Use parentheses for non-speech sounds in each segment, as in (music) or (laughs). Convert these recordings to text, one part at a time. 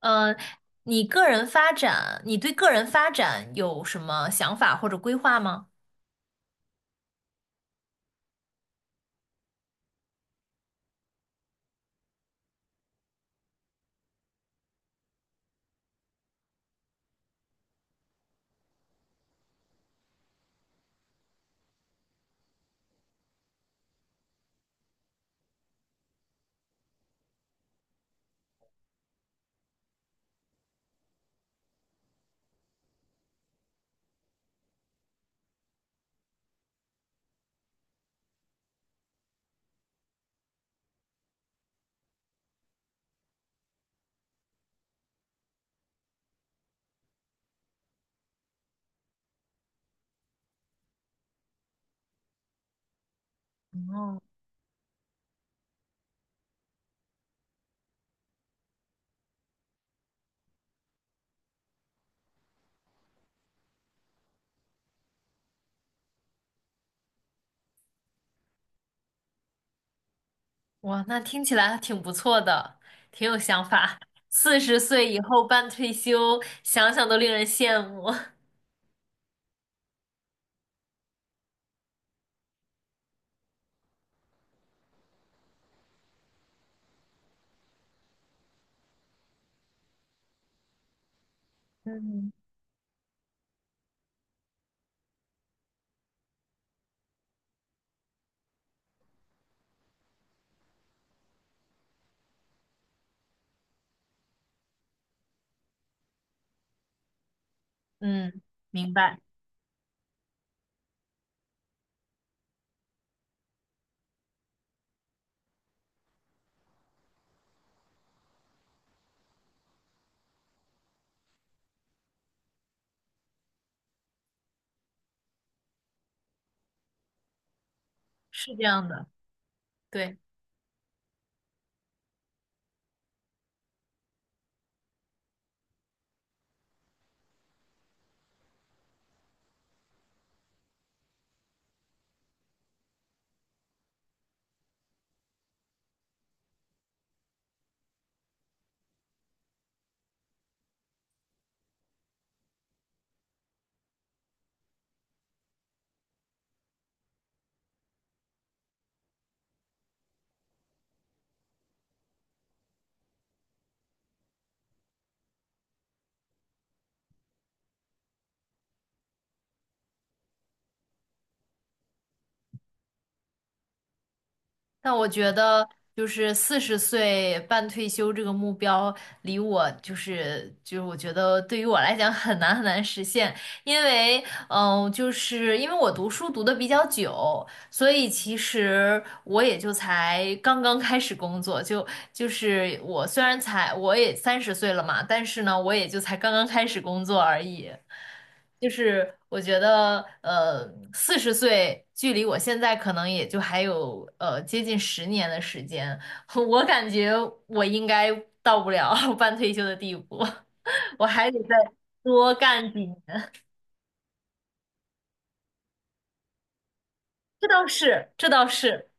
呃，你个人发展，你对个人发展有什么想法或者规划吗？哦，哇，那听起来挺不错的，挺有想法。四十岁以后半退休，想想都令人羡慕。(laughs) 嗯，嗯。明白。是这样的。对。但我觉得，就是四十岁半退休这个目标，离我就是我觉得对于我来讲很难很难实现，因为就是因为我读书读的比较久，所以其实我也就才刚刚开始工作，就是我虽然才我也三十岁了嘛，但是呢，我也就才刚刚开始工作而已。就是我觉得，四十岁距离我现在可能也就还有接近十年的时间，(laughs) 我感觉我应该到不了 (laughs) 半退休的地步，(laughs) 我还得再多干几年。这倒是，这倒是。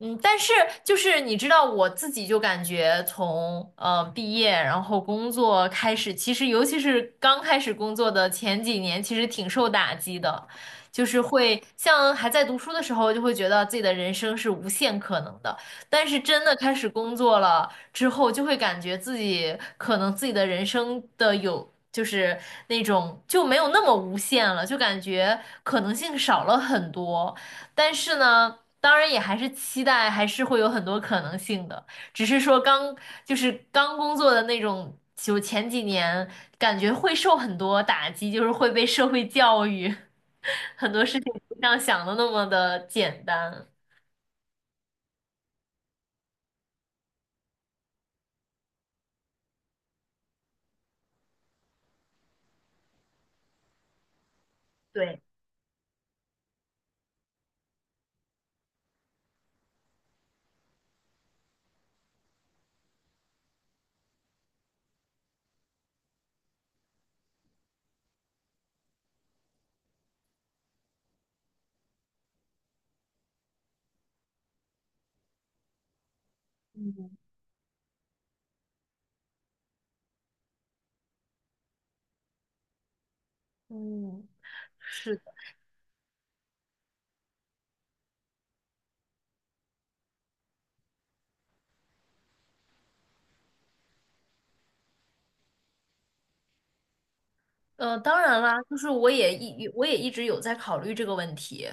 嗯，但是就是你知道，我自己就感觉从毕业，然后工作开始，其实尤其是刚开始工作的前几年，其实挺受打击的，就是会像还在读书的时候，就会觉得自己的人生是无限可能的，但是真的开始工作了之后，就会感觉自己可能自己的人生的有。就是那种就没有那么无限了，就感觉可能性少了很多。但是呢，当然也还是期待，还是会有很多可能性的。只是说刚就是刚工作的那种，就前几年感觉会受很多打击，就是会被社会教育，(laughs) 很多事情不像想的那么的简单。对。嗯。是。当然啦，就是我也一直有在考虑这个问题，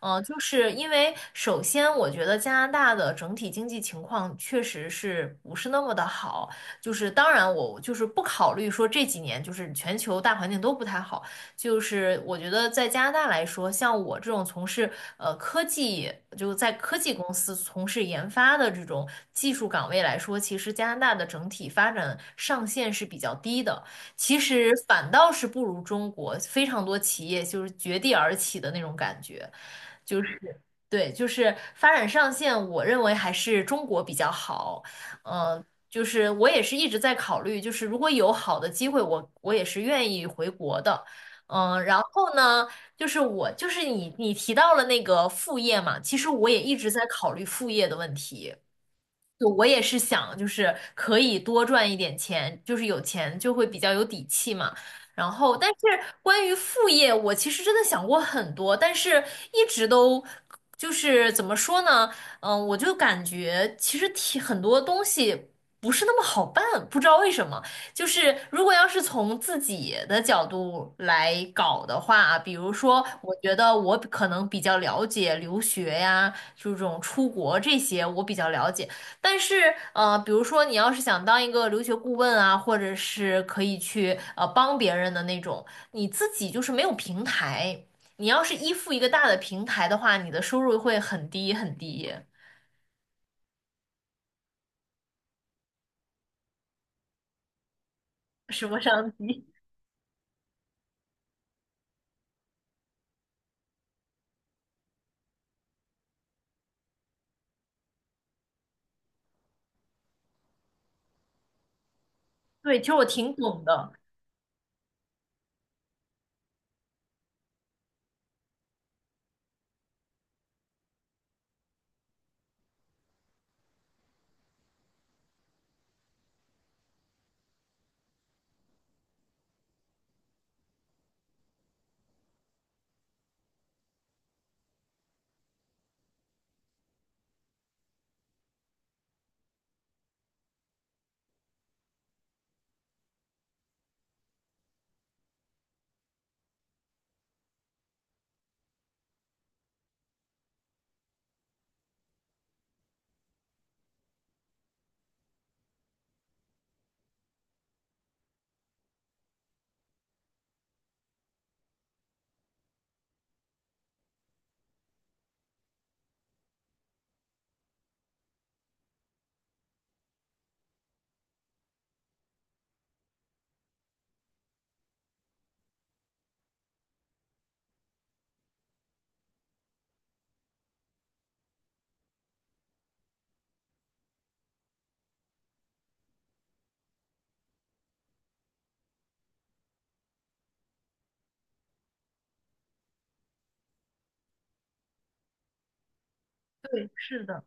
就是因为首先我觉得加拿大的整体经济情况确实是不是那么的好，就是当然我就是不考虑说这几年就是全球大环境都不太好，就是我觉得在加拿大来说，像我这种从事科技就在科技公司从事研发的这种技术岗位来说，其实加拿大的整体发展上限是比较低的。其实反倒是不如中国非常多企业就是绝地而起的那种感觉，就是对，就是发展上限，我认为还是中国比较好。嗯、就是我也是一直在考虑，就是如果有好的机会，我也是愿意回国的。嗯，然后呢，我就是你提到了那个副业嘛，其实我也一直在考虑副业的问题。就我也是想，就是可以多赚一点钱，就是有钱就会比较有底气嘛。然后，但是关于副业，我其实真的想过很多，但是一直都就是怎么说呢？嗯，我就感觉其实挺很多东西不是那么好办，不知道为什么。就是如果要是从自己的角度来搞的话，比如说，我觉得我可能比较了解留学呀，就这种出国这些我比较了解。但是，比如说你要是想当一个留学顾问啊，或者是可以去帮别人的那种，你自己就是没有平台。你要是依附一个大的平台的话，你的收入会很低很低，什么商机。(laughs) 对，其实我挺懂的。对，是的。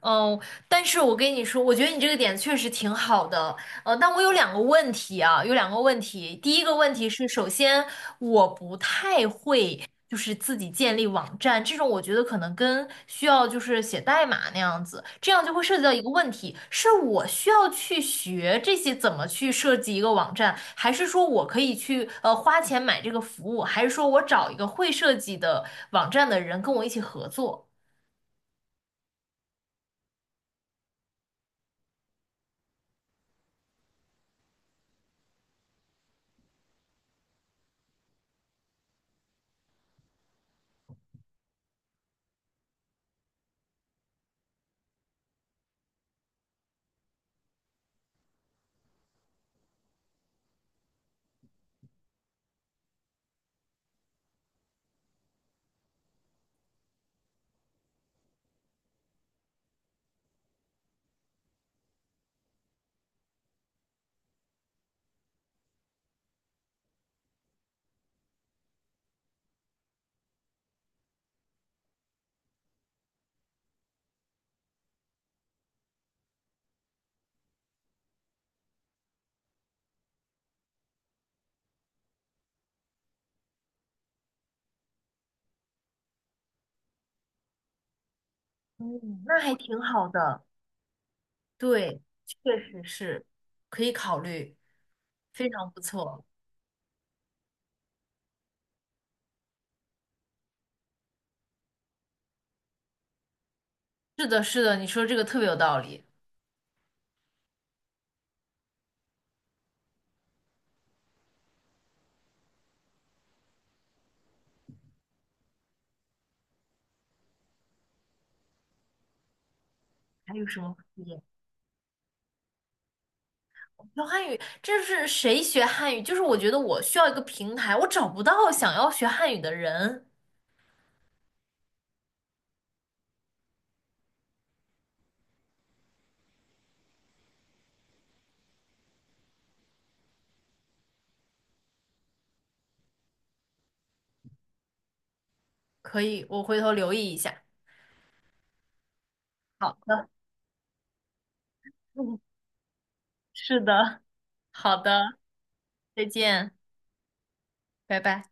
嗯，但是我跟你说，我觉得你这个点确实挺好的，但我有两个问题啊，有两个问题。第一个问题是，首先我不太会，就是自己建立网站这种，我觉得可能跟需要就是写代码那样子，这样就会涉及到一个问题，是我需要去学这些怎么去设计一个网站，还是说我可以去花钱买这个服务，还是说我找一个会设计的网站的人跟我一起合作？嗯，那还挺好的。对，确实是，可以考虑，非常不错。是的，是的，你说这个特别有道理。还有什么可以？学汉语，这是谁学汉语？就是我觉得我需要一个平台，我找不到想要学汉语的人。可以，我回头留意一下。好的，嗯，是的，好的，再见，拜拜。